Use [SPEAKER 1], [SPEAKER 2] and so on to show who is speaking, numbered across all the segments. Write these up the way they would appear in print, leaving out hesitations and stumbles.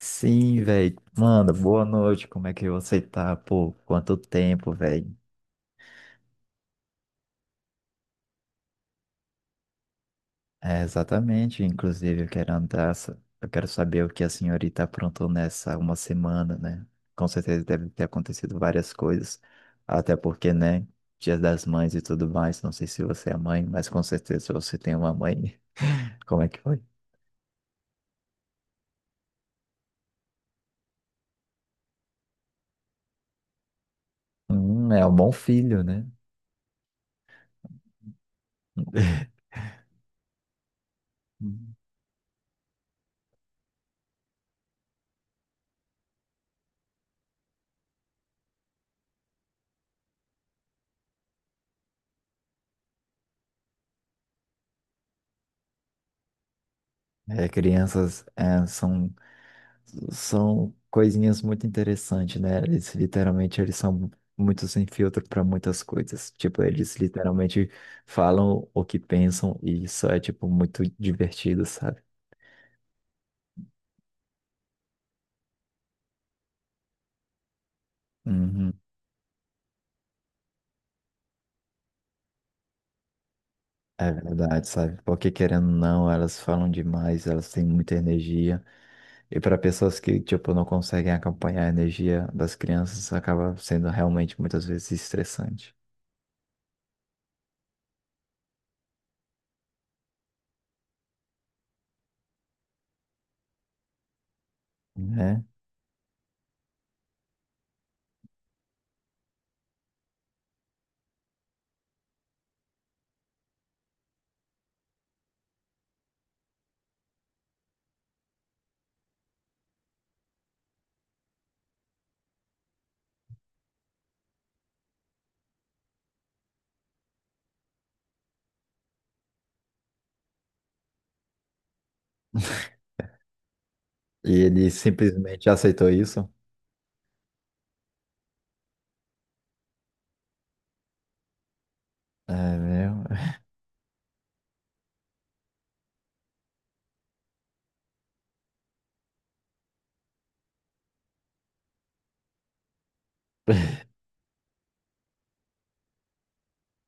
[SPEAKER 1] Sim, velho. Mano, boa noite. Como é que você tá? Pô, quanto tempo, velho? É, exatamente. Inclusive, eu quero andar. Eu quero saber o que a senhorita aprontou nessa uma semana, né? Com certeza deve ter acontecido várias coisas. Até porque, né? Dia das Mães e tudo mais. Não sei se você é mãe, mas com certeza você tem uma mãe. Como é que foi? É um bom filho, né? É, crianças, é, são. São coisinhas muito interessantes, né? Eles literalmente eles são muito sem filtro para muitas coisas. Tipo, eles literalmente falam o que pensam e isso é tipo muito divertido, sabe? Uhum. É verdade, sabe? Porque querendo ou não, elas falam demais, elas têm muita energia. E para pessoas que, tipo, não conseguem acompanhar a energia das crianças, acaba sendo realmente muitas vezes estressante, né? E ele simplesmente aceitou isso. É, meu.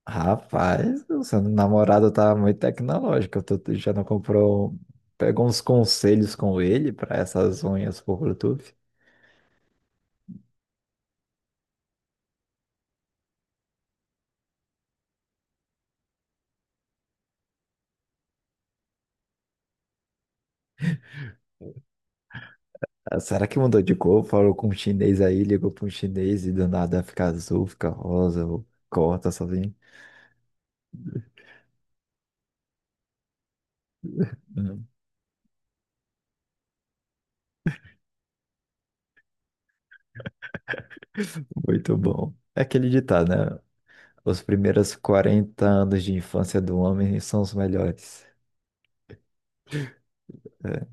[SPEAKER 1] Rapaz, o seu namorado tá muito tecnológico. Tu já não comprou. Pegou uns conselhos com ele para essas unhas por Bluetooth? Ah, será que mudou de cor? Falou com um chinês aí, ligou para um chinês e do nada fica azul, fica rosa, ou corta sozinho. Hum, Muito bom. É aquele ditado, né? Os primeiros 40 anos de infância do homem são os melhores. É,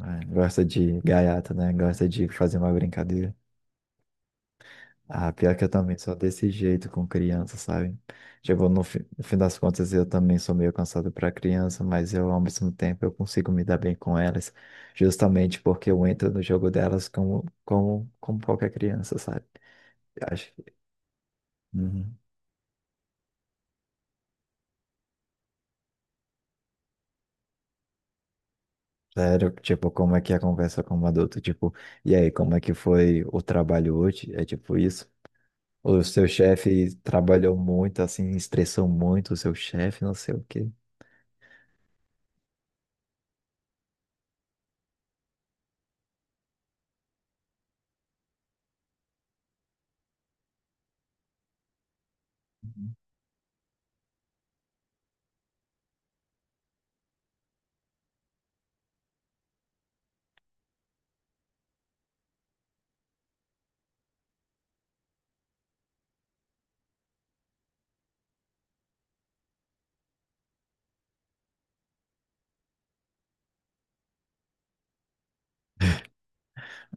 [SPEAKER 1] ah, gosta de gaiata, né? Gosta de fazer uma brincadeira. Ah, pior que eu também sou desse jeito com criança, sabe? Tipo, no fim das contas, eu também sou meio cansado para criança, mas eu, ao mesmo tempo, eu consigo me dar bem com elas, justamente porque eu entro no jogo delas como qualquer criança, sabe? Eu acho que... Uhum. Sério, tipo, como é que é a conversa com um adulto? Tipo, e aí, como é que foi o trabalho hoje? É tipo isso? O seu chefe trabalhou muito, assim, estressou muito o seu chefe, não sei o quê.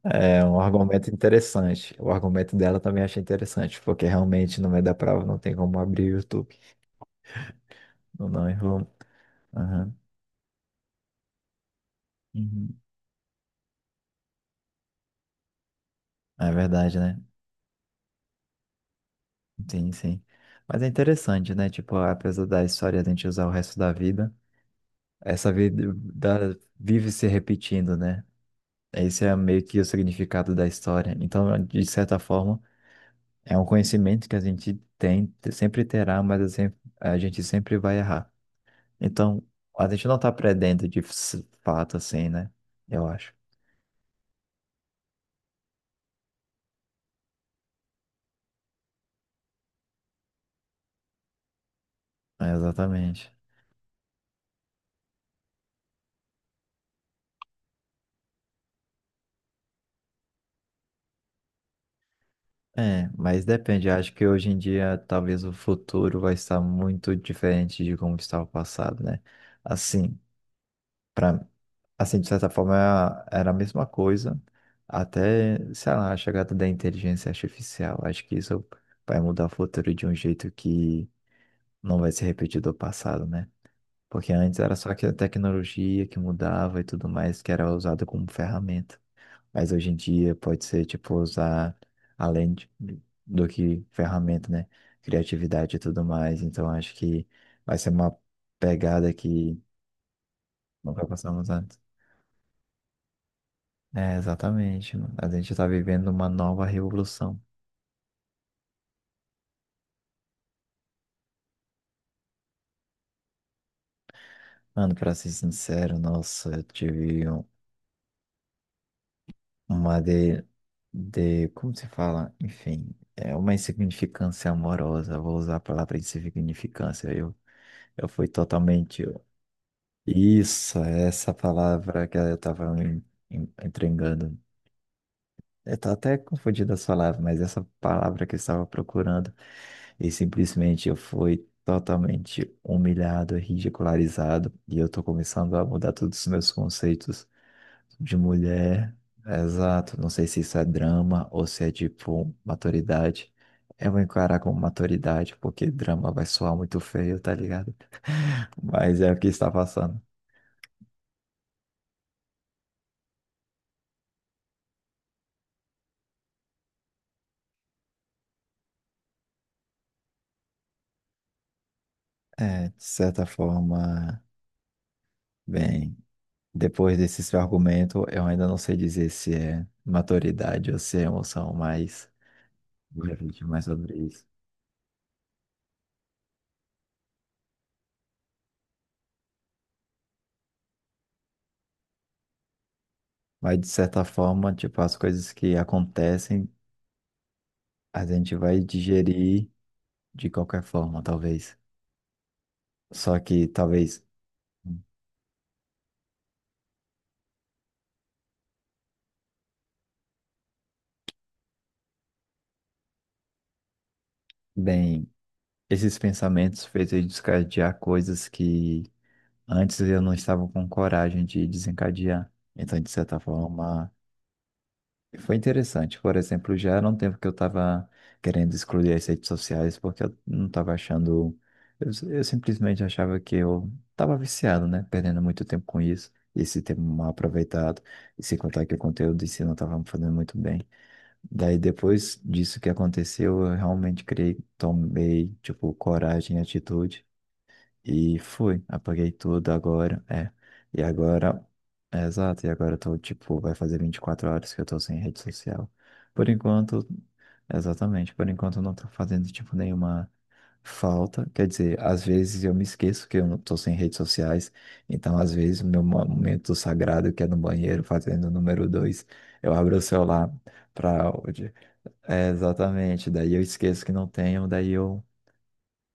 [SPEAKER 1] É um argumento interessante. O argumento dela também achei interessante, porque realmente no meio da prova não tem como abrir o YouTube. Não, não, errou. Aham. Uhum. É verdade, né? Sim, sim. Mas é interessante, né? Tipo, apesar da história a gente usar o resto da vida, essa vida vive se repetindo, né? Esse é meio que o significado da história. Então, de certa forma, é um conhecimento que a gente tem, sempre terá, mas a gente sempre vai errar. Então, a gente não tá perdendo de fato assim, né? Eu acho. É, exatamente. É, mas depende. Acho que hoje em dia talvez o futuro vai estar muito diferente de como estava o passado, né? Assim, para assim de certa forma era a mesma coisa até, sei lá, a chegada da inteligência artificial. Acho que isso vai mudar o futuro de um jeito que não vai ser repetido do passado, né? Porque antes era só que a tecnologia que mudava e tudo mais, que era usada como ferramenta. Mas hoje em dia pode ser, tipo, usar além de- do que ferramenta, né? Criatividade e tudo mais. Então acho que vai ser uma pegada que nunca passamos antes. É, exatamente, mano. A gente tá vivendo uma nova revolução. Mano, pra ser sincero, nossa, eu tive uma de, como se fala? Enfim, é uma insignificância amorosa, vou usar a palavra insignificância, eu fui totalmente... Isso, é essa palavra que eu estava entregando. Eu tô até confundindo as palavras, mas essa palavra que eu estava procurando, e simplesmente eu fui totalmente humilhado, ridicularizado, e eu tô começando a mudar todos os meus conceitos de mulher, exato. Não sei se isso é drama ou se é tipo maturidade. Eu vou encarar como maturidade, porque drama vai soar muito feio, tá ligado? Mas é o que está passando. É, de certa forma, bem, depois desse seu argumento, eu ainda não sei dizer se é maturidade ou se é emoção, mas vou refletir mais sobre isso. Mas de certa forma, tipo, as coisas que acontecem, a gente vai digerir de qualquer forma, talvez. Só que talvez, bem, esses pensamentos fez eu desencadear coisas que antes eu não estava com coragem de desencadear. Então, de certa forma, foi interessante. Por exemplo, já era um tempo que eu estava querendo excluir as redes sociais porque eu não estava achando. Eu simplesmente achava que eu estava viciado, né? Perdendo muito tempo com isso, esse tempo mal aproveitado. E sem contar que o conteúdo em si não estava me fazendo muito bem. Daí depois disso que aconteceu, eu realmente criei, tomei, tipo, coragem e atitude e fui, apaguei tudo agora, é. E agora, é, exato, e agora eu tô, tipo, vai fazer 24 horas que eu tô sem rede social. Por enquanto, exatamente, por enquanto eu não tô fazendo, tipo, nenhuma falta. Quer dizer, às vezes eu me esqueço que eu não tô sem redes sociais, então às vezes o meu momento sagrado, que é no banheiro, fazendo o número dois eu abro o celular para é, exatamente. Daí eu esqueço que não tenho, daí eu,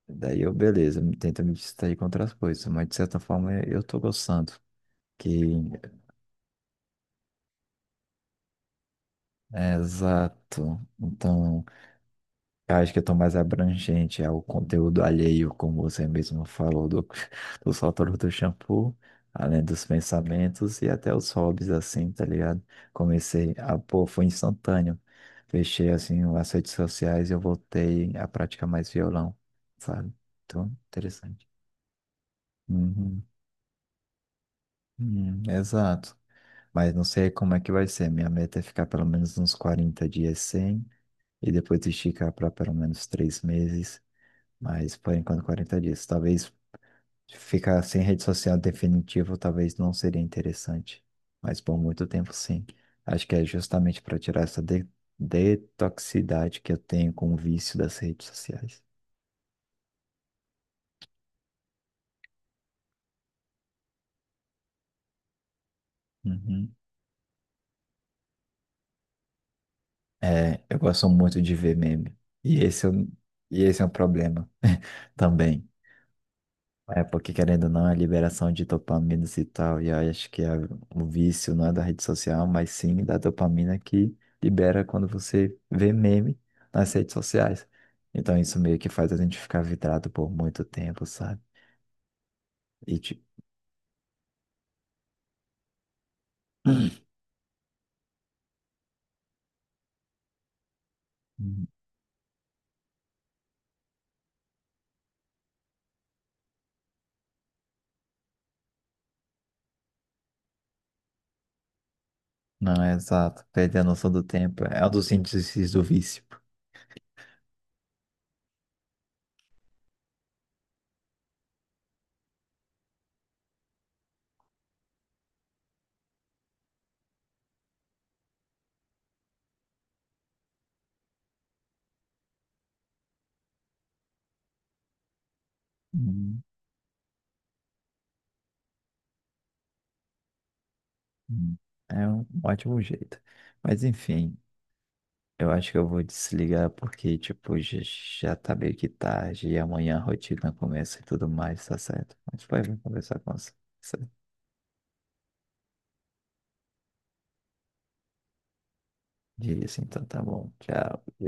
[SPEAKER 1] daí eu, beleza, eu tento me distrair com outras coisas, mas de certa forma eu tô gostando. Que, é, exato. Então, eu acho que eu tô mais abrangente é o conteúdo alheio, como você mesmo falou, do, do sótão do shampoo, além dos pensamentos e até os hobbies, assim, tá ligado? Comecei a, pô, foi instantâneo. Fechei, assim, as redes sociais e eu voltei a praticar mais violão, sabe? Então, interessante. Uhum. Exato. Mas não sei como é que vai ser. Minha meta é ficar pelo menos uns 40 dias sem e depois esticar para pelo menos 3 meses. Mas por enquanto 40 dias. Talvez ficar sem rede social definitivo, talvez não seria interessante. Mas por muito tempo, sim. Acho que é justamente para tirar essa de detoxicidade que eu tenho com o vício das redes sociais. Uhum. É, eu gosto muito de ver meme. E esse é, e esse é um problema também. É, porque querendo ou não, a liberação de dopaminas e tal, e aí acho que o vício não é da rede social, mas sim da dopamina que libera quando você vê meme nas redes sociais. Então isso meio que faz a gente ficar vidrado por muito tempo, sabe? E tipo, não, é exato, perder a noção do tempo é um dos índices do vício. Hum, hum. É um ótimo jeito. Mas enfim, eu acho que eu vou desligar porque, tipo, já tá meio que tarde e amanhã a rotina começa e tudo mais, tá certo? Mas foi bom conversar com você disso, então tá bom. Tchau. Beijo.